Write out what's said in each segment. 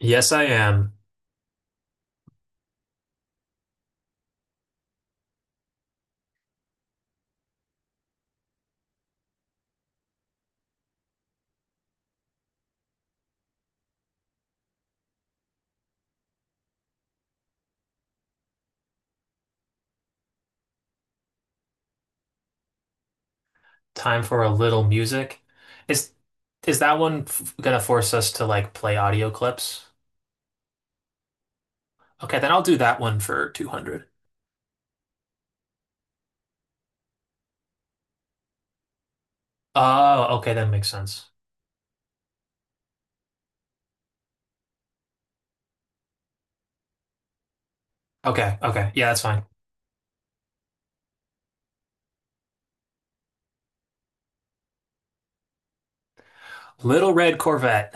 Yes, I am. Time for a little music. Is is that one f gonna force us to like play audio clips? Okay, then I'll do that one for 200. Oh, okay, that makes sense. Okay, okay. Yeah, that's fine. Little Red Corvette.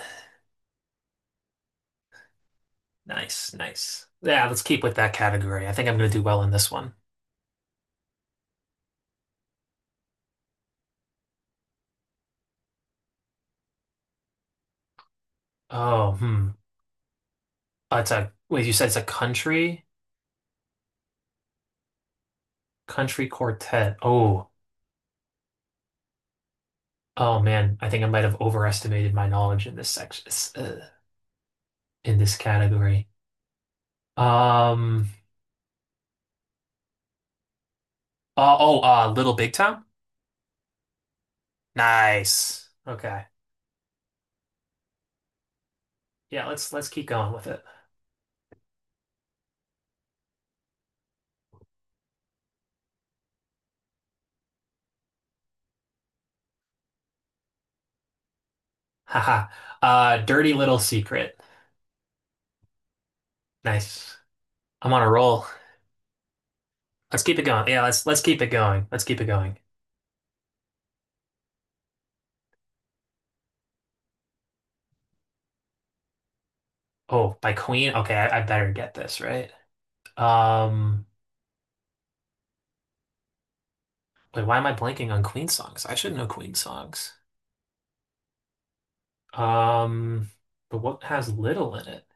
Nice, nice. Yeah, let's keep with that category. I think I'm gonna do well in this one. Oh, hmm. Wait, you said it's a country? Country quartet. Oh, oh man, I think I might have overestimated my knowledge uh, in this category. Um, oh, Little Big Town? Nice. Okay. Yeah, let's keep going with it. Haha. Dirty Little Secret. Nice. I'm on a roll. Let's keep it going. Yeah, let's keep it going. Let's keep it going. Oh, by Queen. Okay, I better get this right. Um, wait, why am I blanking on Queen songs? I should know Queen songs. Um, but what has little in it?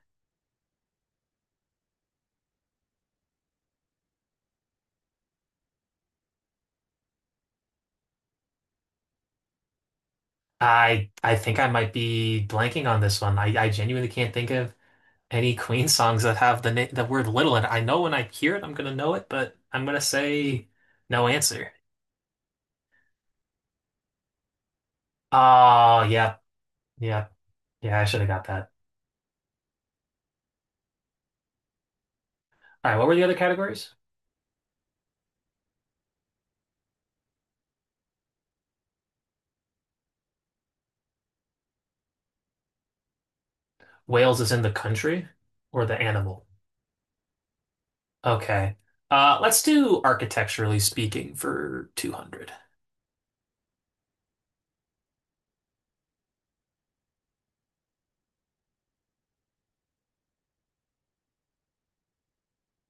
I think I might be blanking on this one. I genuinely can't think of any Queen songs that have the word little in it. I know when I hear it, I'm gonna know it, but I'm gonna say no answer. Oh, yeah, yeah, yeah. I should have got that. All right, what were the other categories? Wales is in the country or the animal? Okay. Let's do architecturally speaking for 200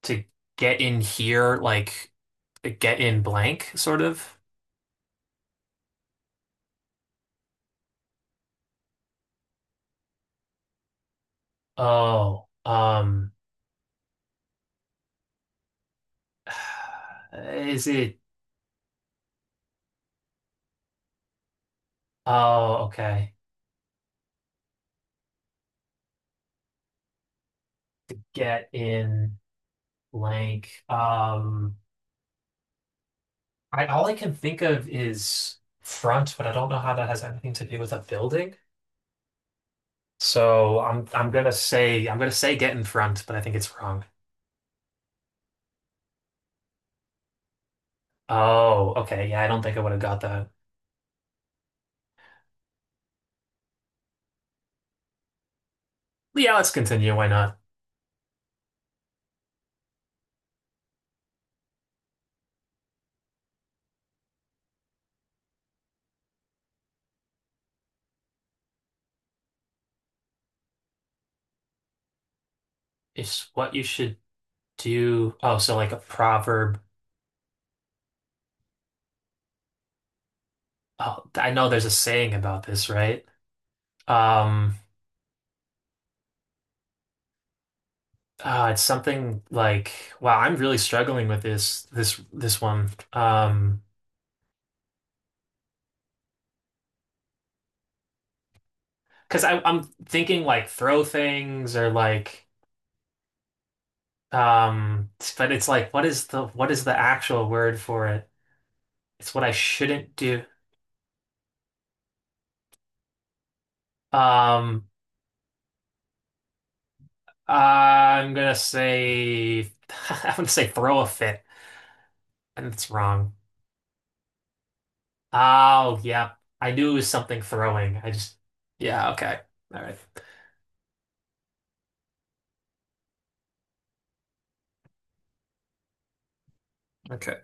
to get in here, like get in blank, sort of. Oh, is it? Oh, okay. Get in. Blank. I all I can think of is front, but I don't know how that has anything to do with a building. So I'm gonna say I'm gonna say get in front, but I think it's wrong. Oh, okay. Yeah, I don't think I would have got that. Yeah, let's continue. Why not? It's what you should do. Oh, so like a proverb. Oh, I know there's a saying about this, right? Um, it's something like, wow, I'm really struggling with this one. Because I'm thinking like throw things or like um but it's like what is the actual word for it? It's what I shouldn't do. Um I'm gonna say I'm gonna say throw a fit and it's wrong. Oh, yeah. I knew it was something throwing. I just yeah, okay. All right. Okay.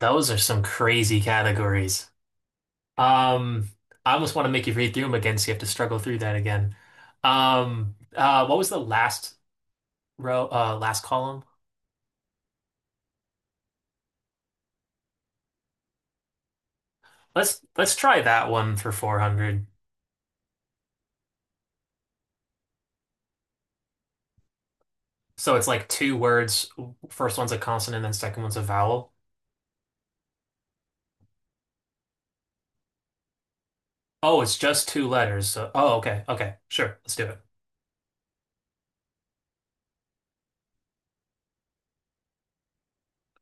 Those are some crazy categories. Um I almost want to make you read through them again so you have to struggle through that again. What was the last column. Let's try that one for 400. So it's like two words. First one's a consonant, then second one's a vowel. Oh, it's just two letters. So, oh, okay, okay, sure. Let's do it.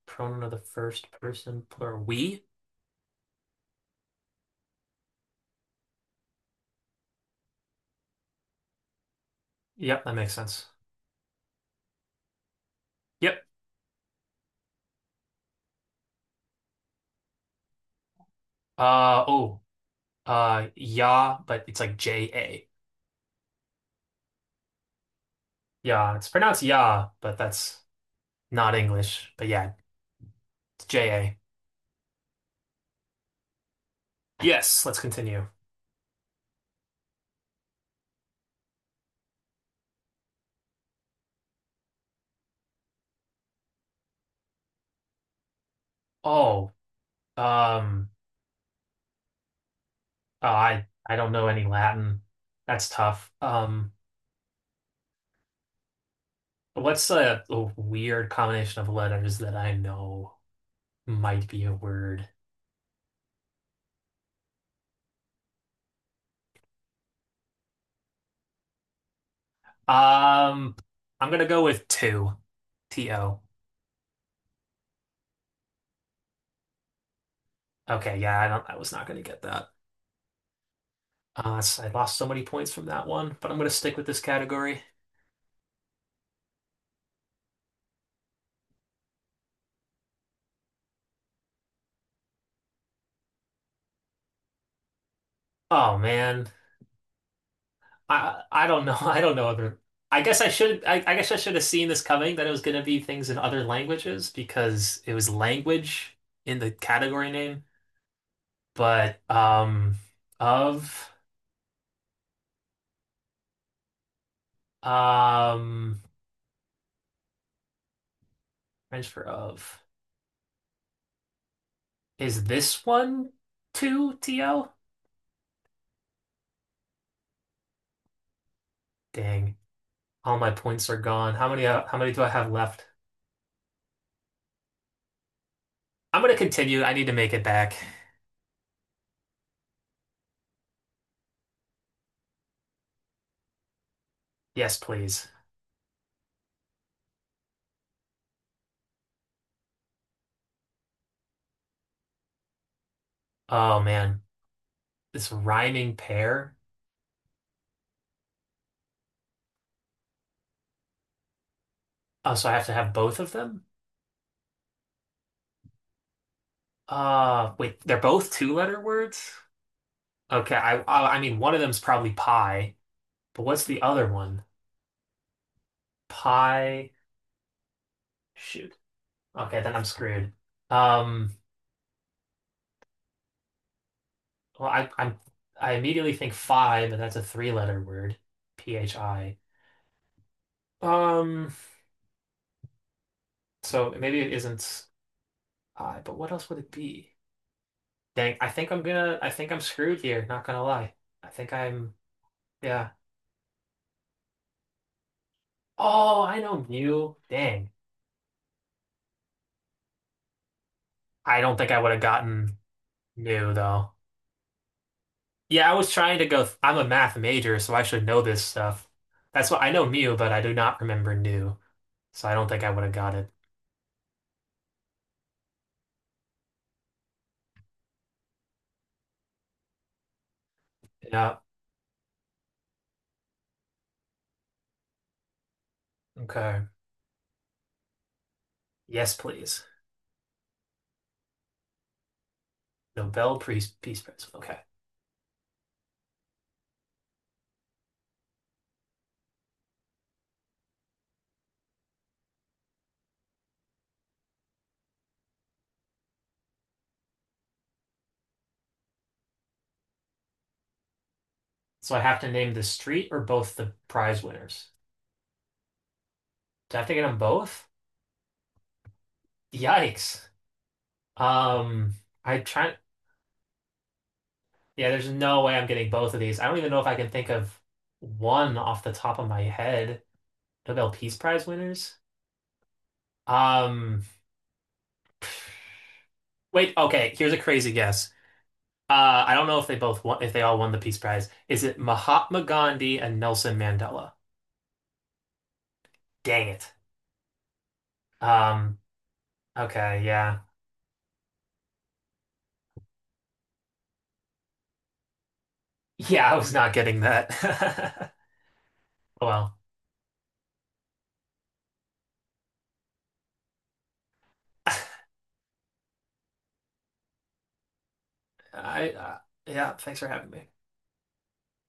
Pronoun of the first person plural. We? Yep, that makes sense. Yep. Uh oh. Yeah, but it's like ja. Yeah, it's pronounced yeah, but that's not English. But yeah, it's ja. Yes, let's continue. Oh, um. Oh, I don't know any Latin. That's tough. What's a weird combination of letters that I know might be a word? Um, I'm gonna go with two, to. Okay, yeah, I don't. I was not gonna get that. I lost so many points from that one, but I'm gonna stick with this category. Oh man, I don't know. I don't know other. I guess I should. I guess I should have seen this coming that it was gonna be things in other languages because it was language in the category name. But of um transfer of is this one two, T-O? Dang, all my points are gone. How many do I have left? I'm gonna continue. I need to make it back. Yes, please. Oh man, this rhyming pair. Oh, so I have to have both of them? Wait, they're both two-letter words? Okay, I mean one of them's probably pie, but what's the other one? Pie. Shoot. Okay, then I'm screwed. Um. Well, I immediately think phi, but that's a three-letter word, phi. Um, so maybe it isn't I, but what else would it be? Dang, I think I'm screwed here. Not gonna lie, I think I'm, yeah. Oh, I know mu. Dang, I don't think I would have gotten mu though. Yeah, I was trying to go. I'm a math major, so I should know this stuff. That's what I know mu, but I do not remember nu, so I don't think I would have got it. Yeah. Okay. Yes, please. Nobel Peace Prize. Okay. So I have to name the street or both the prize winners. Do I have to get them both? Yikes. Um, I try. Yeah, there's no way I'm getting both of these. I don't even know if I can think of one off the top of my head. Nobel Peace Prize winners. Um, wait. Okay, here's a crazy guess. I don't know if they all won the Peace Prize. Is it Mahatma Gandhi and Nelson Mandela? Dang it. Um, okay, yeah. Yeah, I was not getting that. Well, I yeah, thanks for having me.